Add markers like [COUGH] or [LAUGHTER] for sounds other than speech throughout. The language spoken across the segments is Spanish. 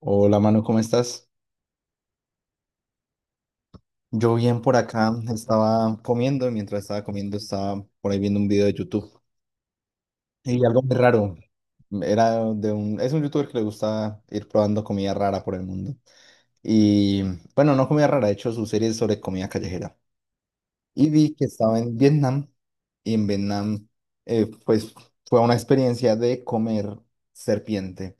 Hola, Manu, ¿cómo estás? Yo bien por acá, estaba comiendo y mientras estaba comiendo estaba por ahí viendo un video de YouTube. Y algo muy raro, era es un youtuber que le gusta ir probando comida rara por el mundo. Y bueno, no comida rara, de hecho su serie es sobre comida callejera. Y vi que estaba en Vietnam y en Vietnam pues fue una experiencia de comer serpiente.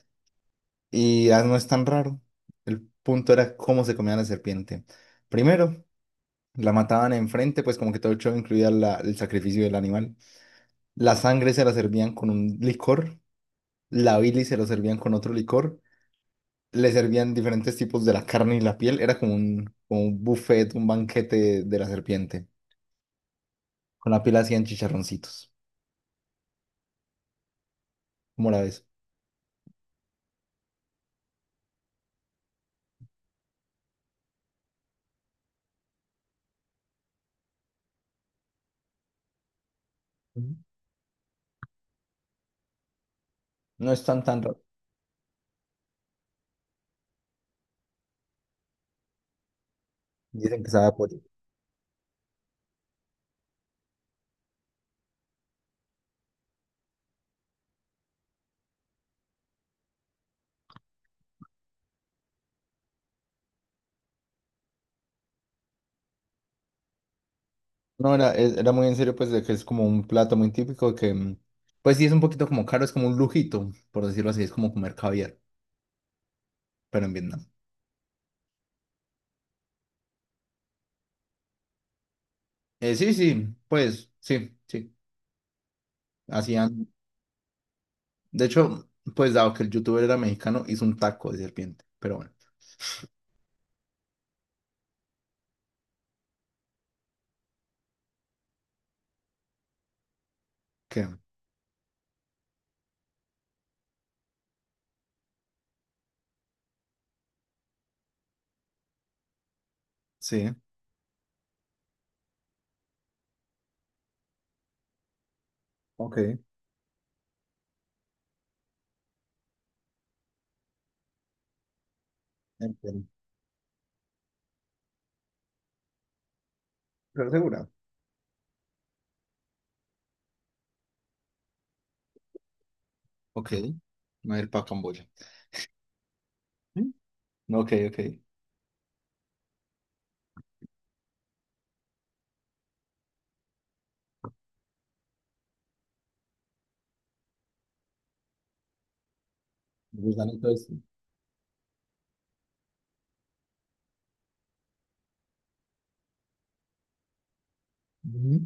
Y ah, no es tan raro, el punto era cómo se comía la serpiente. Primero. La mataban enfrente, pues como que todo el show incluía el sacrificio del animal. La sangre se la servían con un licor, la bilis se la servían con otro licor, le servían diferentes tipos de la carne y la piel, era como un buffet, un banquete de la serpiente. Con la piel hacían chicharroncitos. ¿Cómo la ves? Ujú. No es tan raro. Dicen que sabe a pollo. No, era muy en serio, pues, de que es como un plato muy típico que, pues sí, es un poquito como caro, es como un lujito, por decirlo así, es como comer caviar, pero en Vietnam. Sí, pues sí, sí. Hacían. De hecho, pues dado que el youtuber era mexicano, hizo un taco de serpiente. Pero bueno, que sí. Ok. Entiendo. Pero segura. Ok. No ir para Camboya. ¿Mm? Ok, ok. Gusanito ese. Ujú.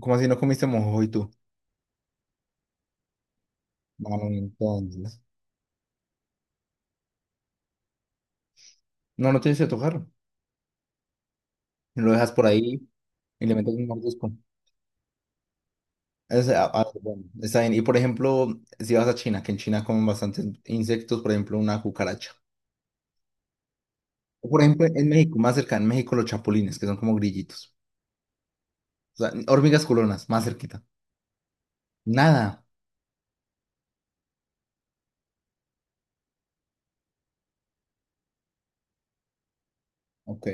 ¿Cómo así no comiste mojo y tú? Mano, entonces. No, no tienes que tocar. Lo dejas por ahí y le metes un mordisco. Es, bueno, está bien. Y por ejemplo, si vas a China, que en China comen bastantes insectos, por ejemplo, una cucaracha. Por ejemplo, en México, más cerca, en México los chapulines, que son como grillitos. O sea, hormigas culonas, más cerquita. Nada. Ok.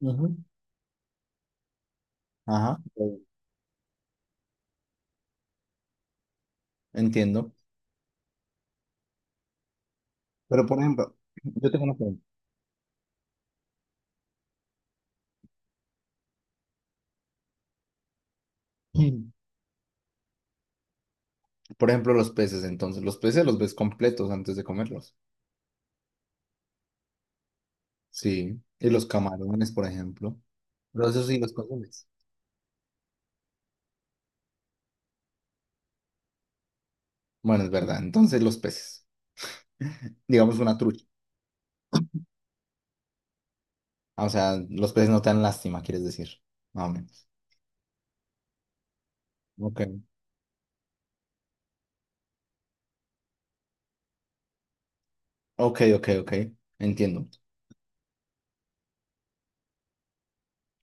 Ujú. Ajá. Ok. Entiendo. Pero por ejemplo, yo tengo una pregunta. [CLEARS THROAT] Mm. Por ejemplo, los peces, entonces, los peces los ves completos antes de comerlos. Sí. Y los camarones, por ejemplo. Pero eso sí, los consumes. Bueno, es verdad. Entonces, los peces. Digamos una trucha. Ah, o sea, los peces no te dan lástima, quieres decir. Más o menos. Ok. Ok, ok, ok. Entiendo.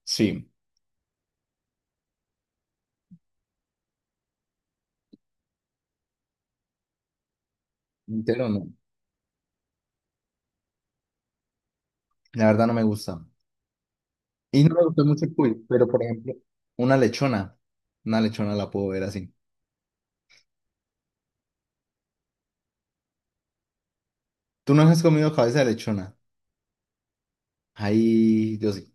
Sí. Entero no. La verdad no me gusta. Y no me gusta mucho el cuy, pero por ejemplo, una lechona. Una lechona la puedo ver así. ¿Tú no has comido cabeza de lechona? Ahí yo sí.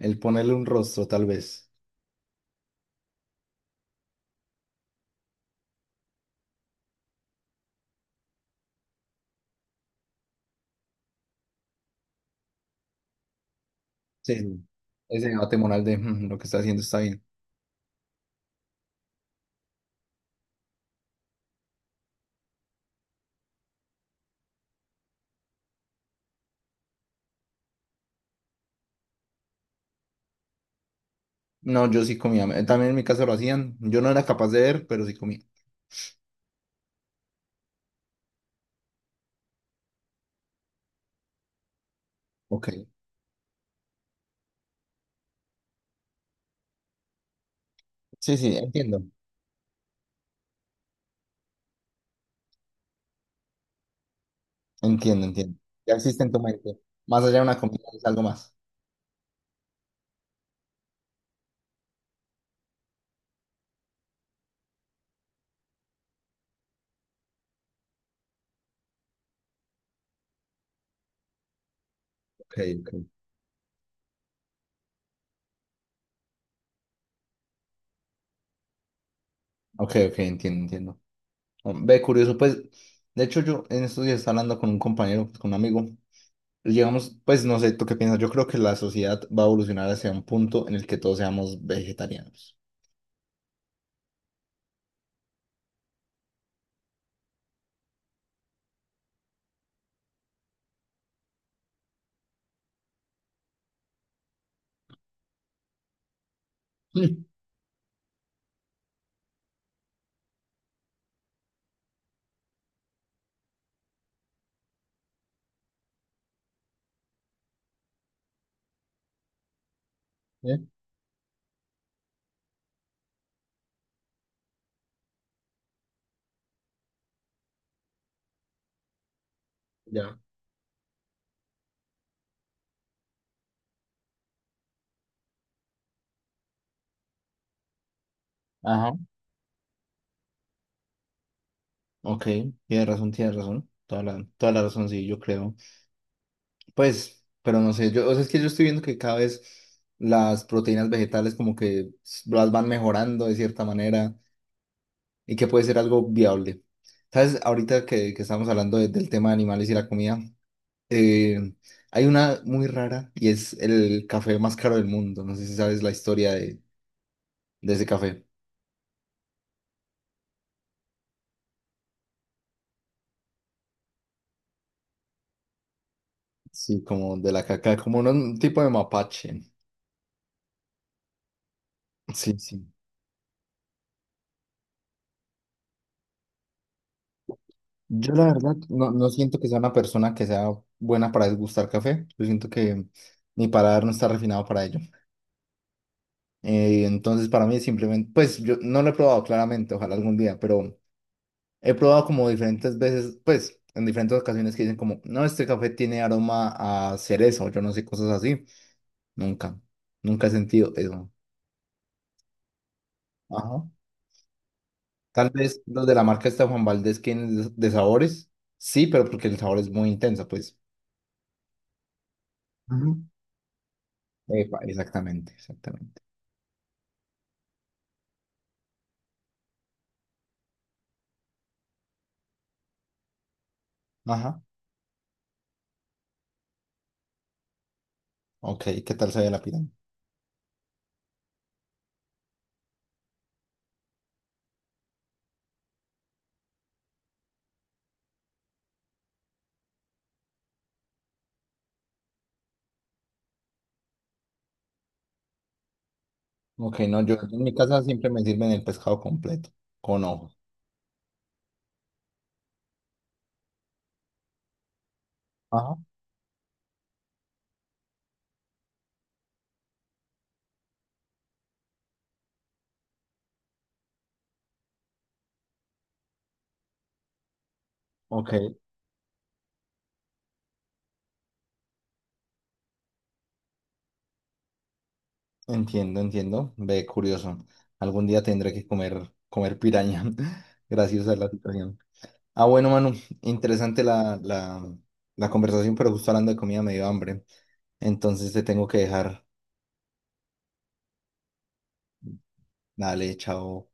El ponerle un rostro, tal vez. Sí, sí. Ese debate moral de "Mm, lo que está haciendo está bien." No, yo sí comía. También en mi casa lo hacían. Yo no era capaz de ver, pero sí comía. Ok. Sí, sí, entiendo. Entiendo, entiendo. Ya existe en tu mente. Más allá de una comida es algo más. Ok, ok. Ok, ok, entiendo, entiendo. Ve, curioso, pues, de hecho yo en estos días estaba hablando con un compañero, pues, con un amigo, y llegamos, pues, no sé, ¿tú qué piensas? Yo creo que la sociedad va a evolucionar hacia un punto en el que todos seamos vegetarianos. Mm, [LAUGHS] ¿eh? Ya. Ajá. Ok, tienes razón, toda la razón, sí, yo creo. Pues, pero no sé, yo, o sea, es que yo estoy viendo que cada vez las proteínas vegetales como que las van mejorando de cierta manera y que puede ser algo viable. ¿Sabes? Ahorita que estamos hablando del tema de animales y la comida. Eh, hay una muy rara y es el café más caro del mundo. No sé si sabes la historia de ese café. Sí, como de la caca, un tipo de mapache. Sí, sí. Yo la verdad no, no siento que sea una persona que sea buena para degustar café. Yo siento que mi paladar no está refinado para ello. Entonces para mí simplemente, pues yo no lo he probado claramente, ojalá algún día, pero he probado como diferentes veces, pues en diferentes ocasiones que dicen como, no, este café tiene aroma a cerezo, yo no sé, cosas así. Nunca, nunca he sentido eso. Ajá. Tal vez los de la marca esta de Juan Valdez, tienen de sabores, sí, pero porque el sabor es muy intenso, pues. Ujú. Epa, exactamente, exactamente. Ajá. Ok, ¿qué tal sabía la pirámide? Ok, no, yo en mi casa siempre me sirven el pescado completo, con ojos. Ajá. Ok, entiendo, entiendo. Ve, curioso. Algún día tendré que comer piraña. [LAUGHS] Gracias a la situación. Ah, bueno, Manu, interesante la conversación, pero justo hablando de comida me dio hambre. Entonces te tengo que dejar. Dale, chao.